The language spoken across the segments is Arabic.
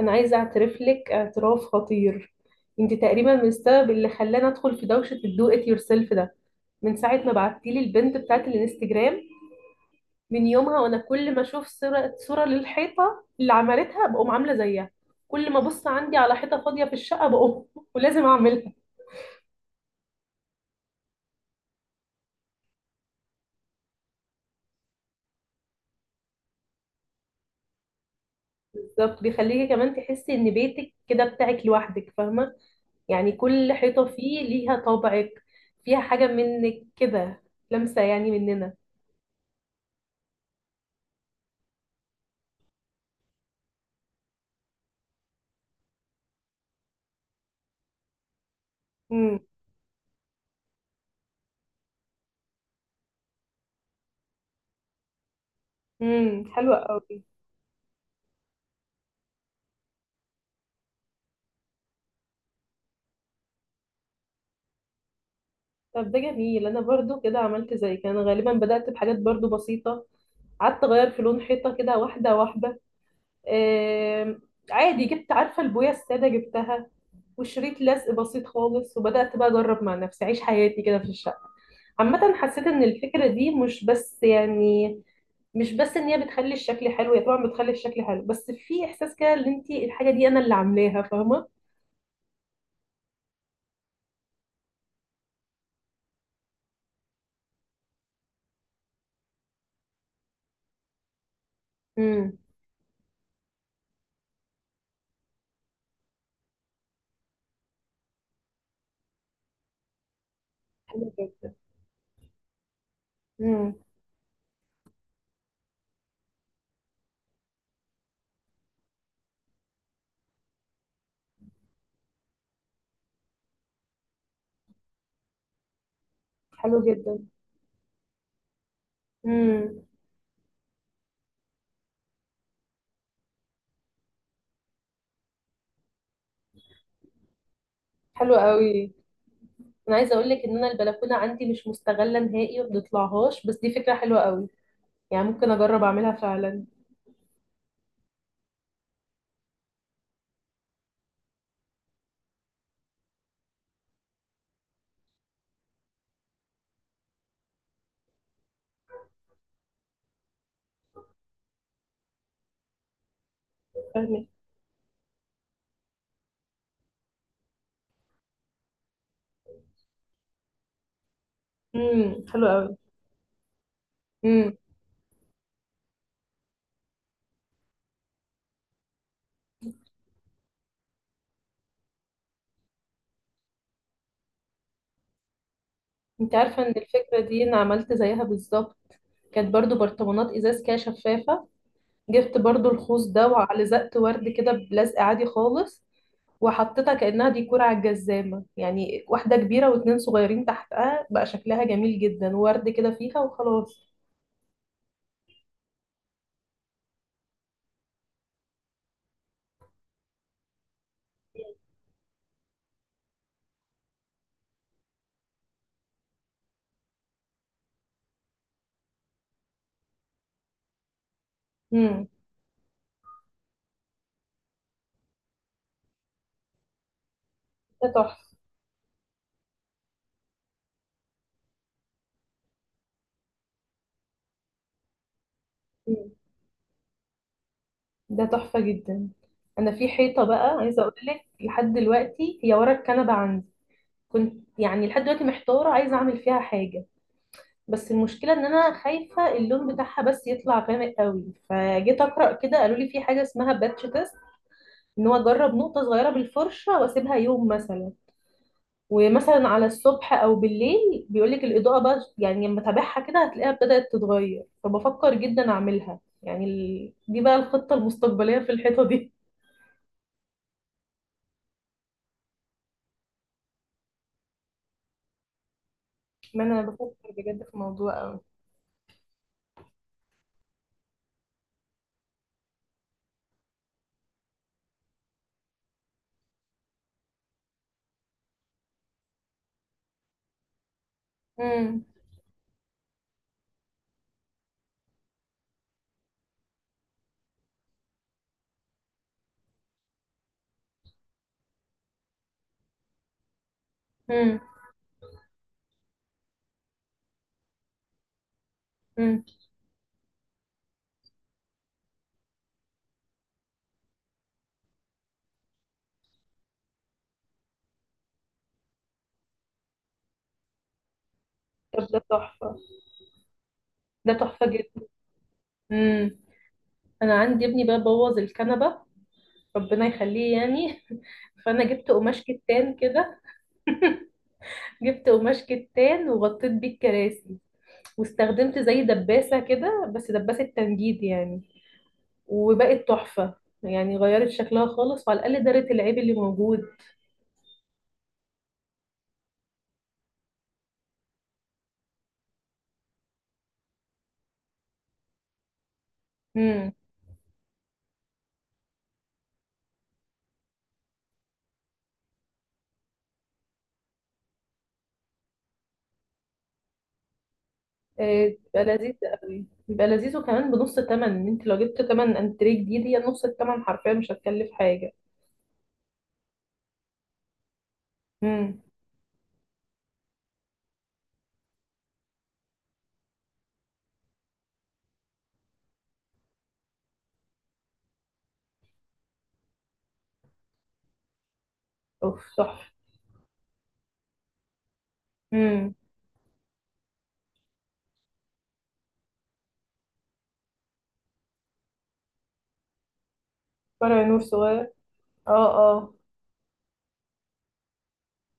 انا عايزه اعترف لك اعتراف خطير. انت تقريبا من السبب اللي خلاني ادخل في دوشه الدو ات يور سيلف ده، من ساعه ما بعتي لي البنت بتاعت الانستجرام. من يومها وانا كل ما اشوف صوره للحيطه اللي عملتها بقوم عامله زيها. كل ما ابص عندي على حيطه فاضيه في الشقه بقوم ولازم اعملها. بالظبط، بيخليكي كمان تحسي ان بيتك كده بتاعك لوحدك، فاهمه؟ يعني كل حيطه فيه ليها طابعك، فيها حاجه منك كده، لمسه يعني مننا. امم. امم، حلوه قوي. طب ده جميل، انا برضو كده عملت زي كان غالبا بدأت بحاجات برضو بسيطة. قعدت اغير في لون حيطة كده واحدة واحدة. آم، عادي جبت عارفة البوية السادة جبتها، وشريط لزق بسيط خالص، وبدأت بقى اجرب مع نفسي اعيش حياتي كده في الشقة. عامة حسيت ان الفكرة دي مش بس يعني، مش بس ان هي بتخلي الشكل حلو، هي طبعا بتخلي الشكل حلو، بس في احساس كده ان انت الحاجة دي انا اللي عاملاها، فاهمة؟ امم، حلو جدا. امم، حلو جدا. امم، حلو قوي. انا عايزه اقول لك ان انا البلكونه عندي مش مستغله نهائي وما بتطلعهاش، بس دي فكره حلوه قوي. يعني ممكن اجرب اعملها فعلا. فاهمه. امم، حلوه قوي. امم. انت عارفه ان الفكره دي انا عملت زيها بالظبط؟ كانت برضو برطمانات ازاز كده شفافه، جبت برضو الخوص ده وعلزقت ورد كده بلزق عادي خالص، وحطيتها كانها ديكور على الجزامه، يعني واحده كبيره واتنين صغيرين تحتها، بقى شكلها جميل جدا، ورد كده فيها وخلاص. امم. ده تحفه. ده تحفة جدا. انا في حيطة بقى عايزة اقول لك، لحد دلوقتي هي ورا الكنبة عندي. كنت يعني لحد دلوقتي محتارة عايزة اعمل فيها حاجة، بس المشكلة ان انا خايفة اللون بتاعها بس يطلع غامق قوي. فجيت اقرأ كده قالوا لي في حاجة اسمها باتش تيست، ان هو اجرب نقطة صغيرة بالفرشة واسيبها يوم مثلا، ومثلا على الصبح او بالليل بيقول لك الإضاءة بقى، يعني لما تابعها كده هتلاقيها بدأت تتغير. فبفكر جدا اعملها، يعني دي بقى الخطة المستقبلية في الحيطة دي. ما انا بفكر بجد في موضوع قوي. امم. امم. امم. طب ده تحفه. ده تحفه جدا. امم. انا عندي ابني بقى بوظ الكنبه، ربنا يخليه يعني فانا جبت قماش كتان كده. جبت قماش كتان وغطيت بيه الكراسي، واستخدمت زي دباسه كده، بس دباسه تنجيد يعني. وبقت تحفه، يعني غيرت شكلها خالص وعلى الاقل دارت العيب اللي موجود. آه، بيبقى لذيذ قوي، بيبقى لذيذ، وكمان بنص الثمن، ان انت لو جبت ثمن انتريه جديد هي نص الثمن حرفيا، مش هتكلف حاجه. امم. اوف صح. امم. فرع نور صغير. اه اه.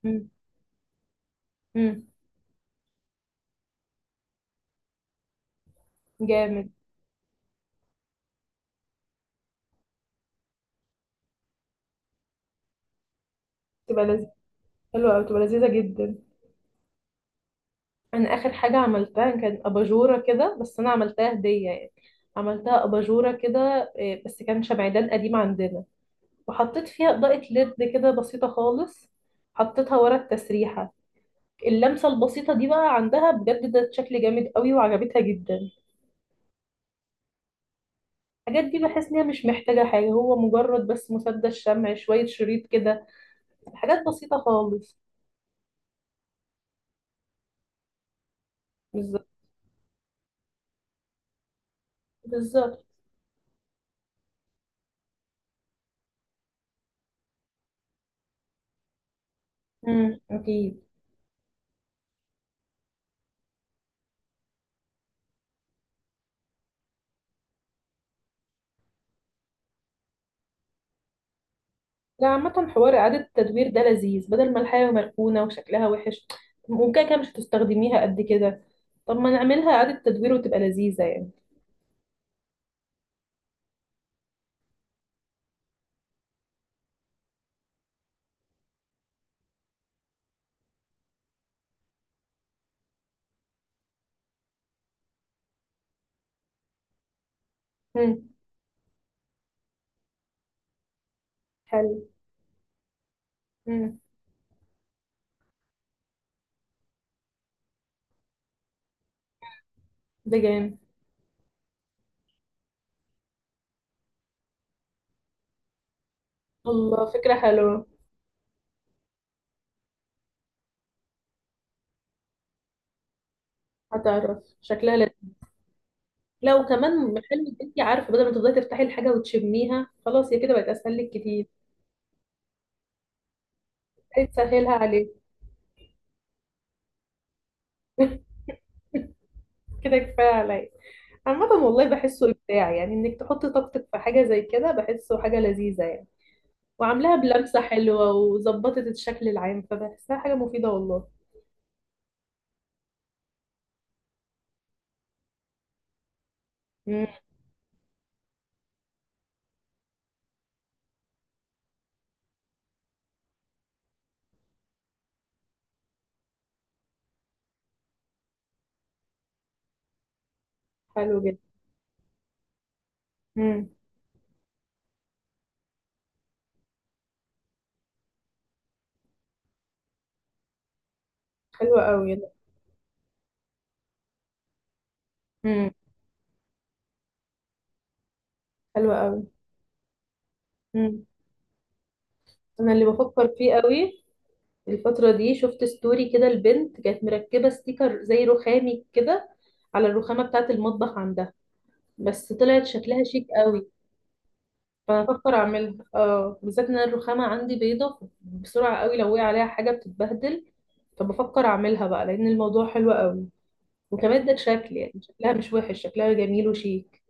امم. امم. جامد. تبقى لذيذ. حلوه قوي، تبقى لذيذه جدا. انا اخر حاجه عملتها كان اباجوره كده، بس انا عملتها هديه يعني. عملتها اباجوره كده، آه، بس كان شمعدان قديم عندنا، وحطيت فيها اضاءه ليد كده بسيطه خالص. حطيتها ورا التسريحه. اللمسة البسيطة دي بقى عندها بجد، ده شكل جامد قوي وعجبتها جدا. الحاجات دي بحس ان هي مش محتاجة حاجة، هو مجرد بس مسدس شمع، شوية شريط كده، حاجات بسيطة خالص. بالظبط. بالظبط. امم، اكيد. لا عامة، حوار إعادة التدوير ده لذيذ، بدل ما الحاجة مركونة وشكلها وحش، ممكن كده مش هتستخدميها قد كده، طب ما نعملها إعادة تدوير وتبقى لذيذة يعني. امم. حلو. امم. ده جامد. الله، فكرة حلوة. هتعرف شكلها. لا، وكمان محل، انت عارفه؟ بدل ما تفضلي تفتحي الحاجه وتشميها، خلاص هي كده بقت اسهل لك كتير. تسهلها عليك. كده كفايه عليا. عامة والله بحسه إبداع، يعني إنك تحطي طاقتك في حاجة زي كده بحسه حاجة لذيذة يعني. وعاملاها بلمسة حلوة وظبطت الشكل العام، فبحسها حاجة مفيدة والله. امم، حلو جدا. امم، حلوة قوي ده. امم، حلوة قوي. امم. أنا اللي بفكر فيه قوي الفترة دي، شفت ستوري كده البنت كانت مركبة ستيكر زي رخامي كده على الرخامة بتاعة المطبخ عندها، بس طلعت شكلها شيك قوي. فانا بفكر اعملها، اه بالذات ان أنا الرخامة عندي بيضة بسرعة قوي، لو وقع عليها حاجة بتتبهدل. فبفكر اعملها بقى لان الموضوع حلو قوي، وكمان ده شكل، يعني شكلها مش وحش، شكلها جميل وشيك.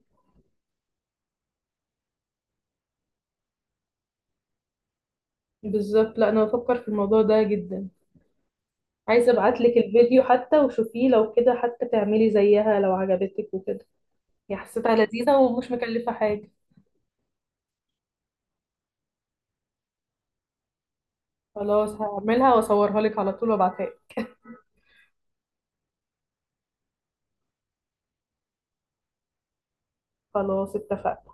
بالظبط. لا انا بفكر في الموضوع ده جدا. عايزة ابعتلك الفيديو حتى وشوفيه لو كده، حتى تعملي زيها لو عجبتك وكده. هي حسيتها لذيذة ومش مكلفة حاجة. خلاص هعملها واصورها لك على طول وابعتها لك. خلاص اتفقنا.